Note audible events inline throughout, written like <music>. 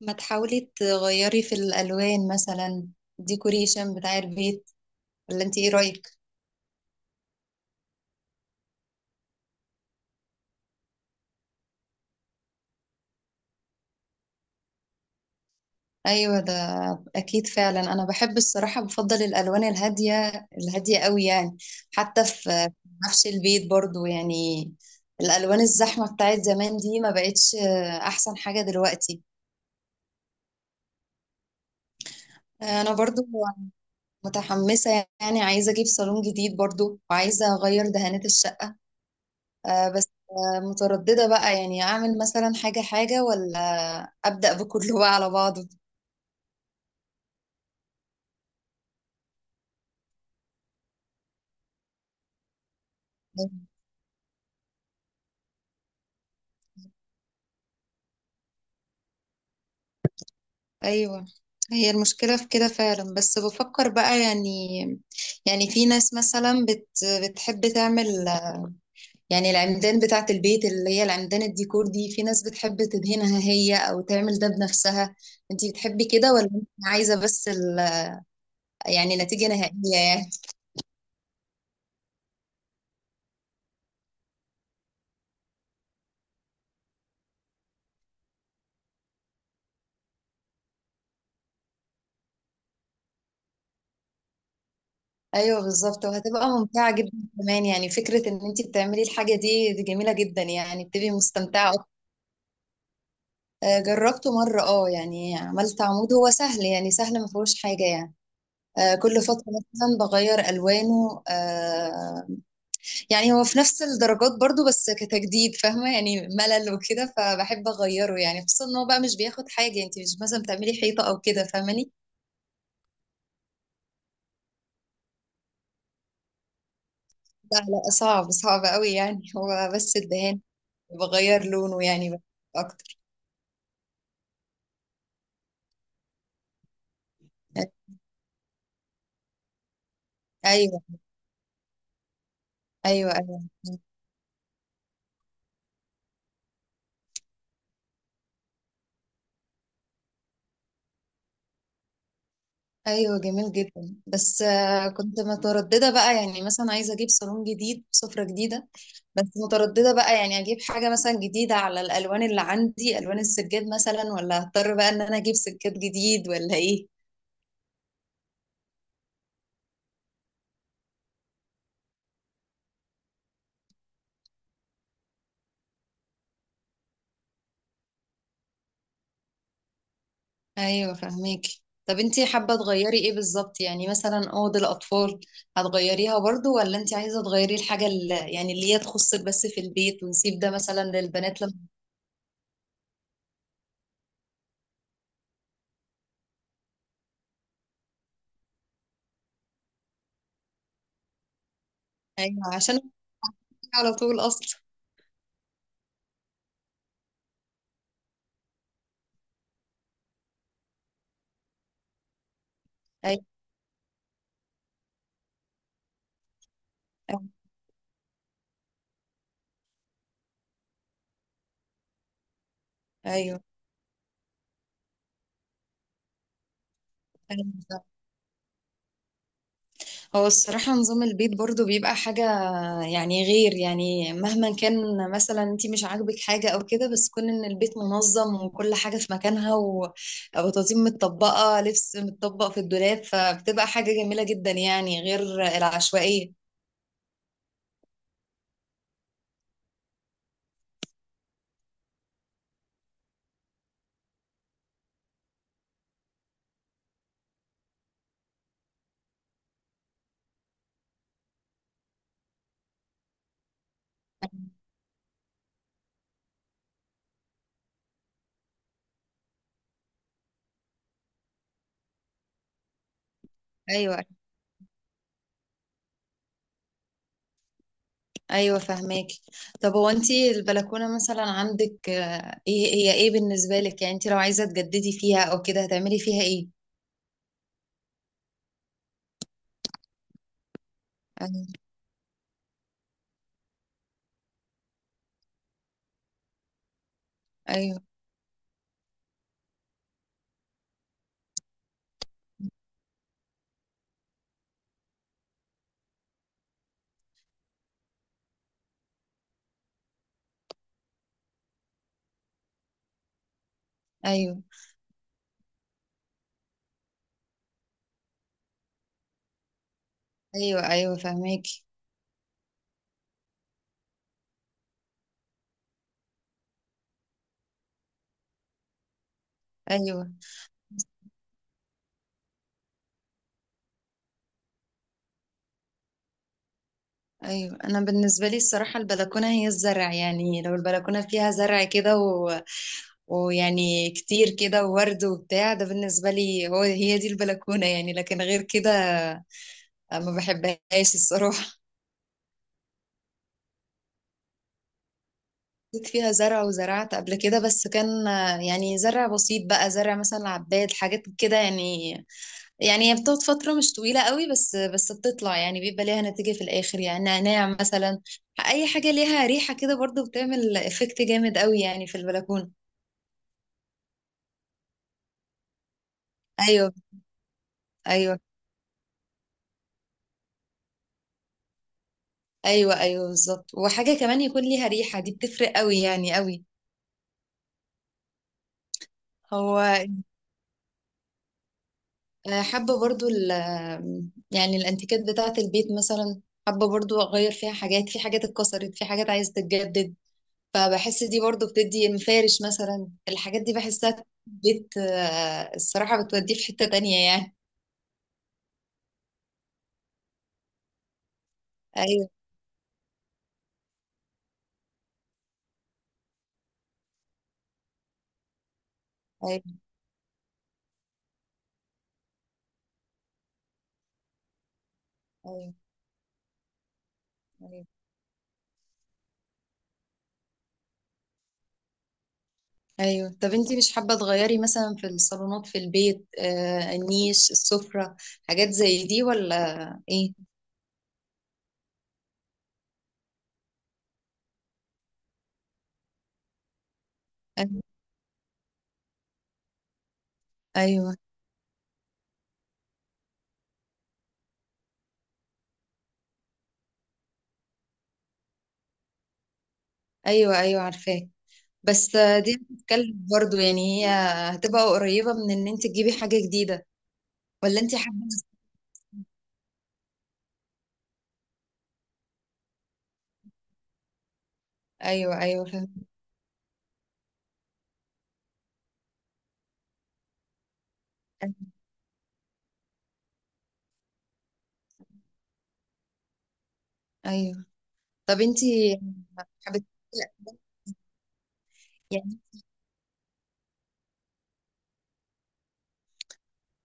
ما تحاولي تغيري في الألوان مثلا، ديكوريشن بتاع البيت، ولا انت ايه رأيك؟ ايوه ده اكيد فعلا. انا بحب الصراحة بفضل الألوان الهادية قوي يعني، حتى في نفس البيت برضو. يعني الألوان الزحمة بتاعت زمان دي ما بقتش احسن حاجة دلوقتي. انا برضو متحمسة، يعني عايزة اجيب صالون جديد برضو وعايزة اغير دهانات الشقة. بس مترددة بقى، يعني أعمل مثلا حاجة حاجة ولا أبدأ بكله بقى على بعضه. أيوة، هي المشكلة في كده فعلا، بس بفكر بقى يعني. يعني في ناس مثلا بتحب تعمل يعني العمدان بتاعة البيت، اللي هي العمدان الديكور دي، في ناس بتحب تدهنها هي أو تعمل ده بنفسها. انتي بتحبي كده ولا انتي عايزة بس يعني نتيجة نهائية يعني؟ ايوه بالظبط، وهتبقى ممتعه جدا كمان. يعني فكره ان انت بتعملي الحاجه دي جميله جدا يعني، بتبقي مستمتعه أكتر. آه، جربته مره. اه يعني عملت عمود، هو سهل يعني، سهل ما فيهوش حاجه يعني. آه، كل فتره مثلا بغير الوانه. آه، يعني هو في نفس الدرجات برضو، بس كتجديد فاهمه، يعني ملل وكده فبحب اغيره يعني، خصوصا ان هو بقى مش بياخد حاجه. انت مش مثلا بتعملي حيطه او كده، فاهماني؟ لا، صعب قوي يعني، هو بس الدهان بغير لونه يعني، بس اكتر. ايوه، ايوه، ايوه، ايوه جميل جدا. بس آه، كنت متردده بقى، يعني مثلا عايزه اجيب صالون جديد، سفره جديده، بس متردده بقى، يعني اجيب حاجه مثلا جديده على الالوان اللي عندي، الوان السجاد مثلا، ولا هضطر بقى ان انا اجيب سجاد جديد ولا ايه؟ ايوه فهميكي. طب انتي حابه تغيري ايه بالظبط؟ يعني مثلا اوض الاطفال هتغيريها برضو، ولا انتي عايزه تغيري الحاجه اللي يعني اللي هي تخصك بس في البيت، ونسيب ده مثلا للبنات لما… ايوه، عشان على طول اصلا. ايوه. أيوه. ايوه، أيوة بالظبط. هو الصراحة نظام البيت برضو بيبقى حاجة يعني غير، يعني مهما كان مثلا انتي مش عاجبك حاجة او كده، بس كون ان البيت منظم وكل حاجة في مكانها وتنظيم، متطبقة لبس، متطبق في الدولاب، فبتبقى حاجة جميلة جدا يعني، غير العشوائية. ايوه، ايوه فهماكي. طب هو انتي البلكونة مثلا عندك، آه، ايه هي، ايه بالنسبة لك؟ يعني انتي لو عايزة تجددي فيها او كده هتعملي فيها ايه؟ ايوه، ايوه، ايوه، ايوه، ايوه فهماك. ايوه، ايوه. انا بالنسبه لي الصراحه البلكونه هي الزرع، يعني لو البلكونه فيها زرع كده و… ويعني كتير كده، وورد وبتاع ده، بالنسبه لي هو هي دي البلكونه يعني، لكن غير كده ما بحبهاش الصراحه. <laughs> جيت فيها زرع وزرعت قبل كده، بس كان يعني زرع بسيط بقى، زرع مثلا عباد، حاجات كده يعني. يعني هي بتقعد فترة مش طويلة قوي، بس بتطلع يعني، بيبقى ليها نتيجة في الآخر يعني، نعناع مثلا. أي حاجة ليها ريحة كده برضو بتعمل إفكت جامد قوي يعني في البلكونة. أيوه، أيوه، أيوه، أيوه بالظبط. وحاجة كمان يكون ليها ريحة، دي بتفرق قوي يعني، قوي. هو آه، حابة برضو آه، يعني الأنتيكات بتاعة البيت مثلا. حابة برضو أغير فيها حاجات، في حاجات اتكسرت، في حاجات عايزة تتجدد. فبحس دي برضو بتدي المفارش مثلا، الحاجات دي بحسها آه، الصراحة بتوديه في حتة تانية يعني. ايوه، ايوه، ايوه، ايوه، ايوه. طب انتي مش حابة تغيري مثلا في الصالونات في البيت، آه النيش، السفرة، حاجات زي دي ولا ايه؟ ايوه، ايوه، ايوه، أيوة عارفاه. بس آه، دي بتتكلم برضو يعني، هي هتبقى قريبة من ان انت تجيبي حاجة جديدة، ولا انتي حابة… ايوه، ايوه فاهمة. ايوه. أيوه. طب انتي حابة…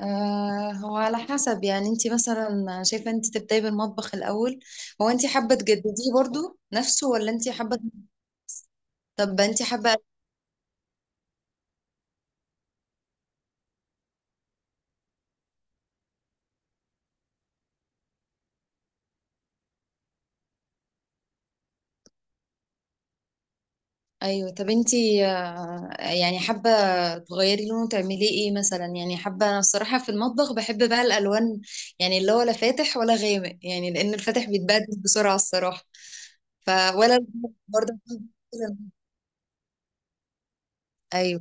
آه هو على حسب، يعني انت مثلا شايفة انت تبدأي بالمطبخ الأول؟ هو انت حابة تجدديه برضو نفسه، ولا انت حابة… طب انت حابة… ايوه، طب انت آه يعني حابة تغيري لونه، تعمليه ايه مثلا؟ يعني حابة، انا الصراحة في المطبخ بحب بقى الألوان يعني اللي هو لا فاتح ولا غامق، يعني لأن الفاتح بيتبدل بسرعة الصراحة، ف ولا الغامق برضه. <laughs> ايوه،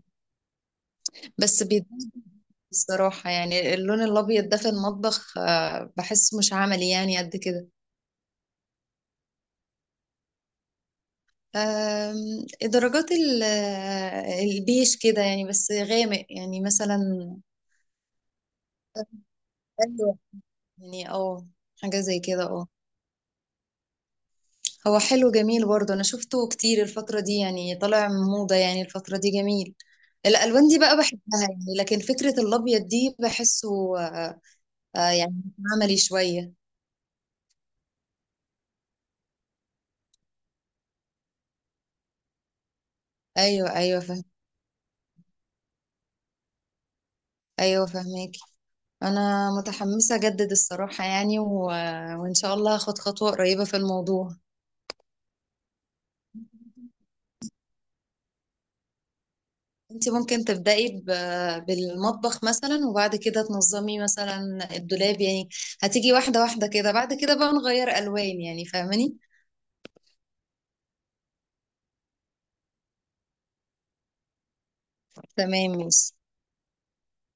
بس بيتبدل الصراحة. يعني اللون الأبيض ده في المطبخ آه بحس مش عملي يعني قد كده. درجات البيش كده يعني، بس غامق يعني مثلا. أيوة. يعني اه، حاجة زي كده اه. هو حلو، جميل برضه. انا شفته كتير الفترة دي يعني، طالع موضة يعني الفترة دي، جميل. الالوان دي بقى بحبها يعني، لكن فكرة الابيض دي بحسه آه، يعني عملي شوية. ايوه، ايوه فهم. ايوه فهماكي. انا متحمسة اجدد الصراحة يعني و… وان شاء الله هاخد خطوة قريبة في الموضوع. انت ممكن تبدأي بالمطبخ مثلا، وبعد كده تنظمي مثلا الدولاب يعني. هتيجي واحدة واحدة كده، بعد كده بقى نغير ألوان، يعني فاهماني؟ تمام ماشي.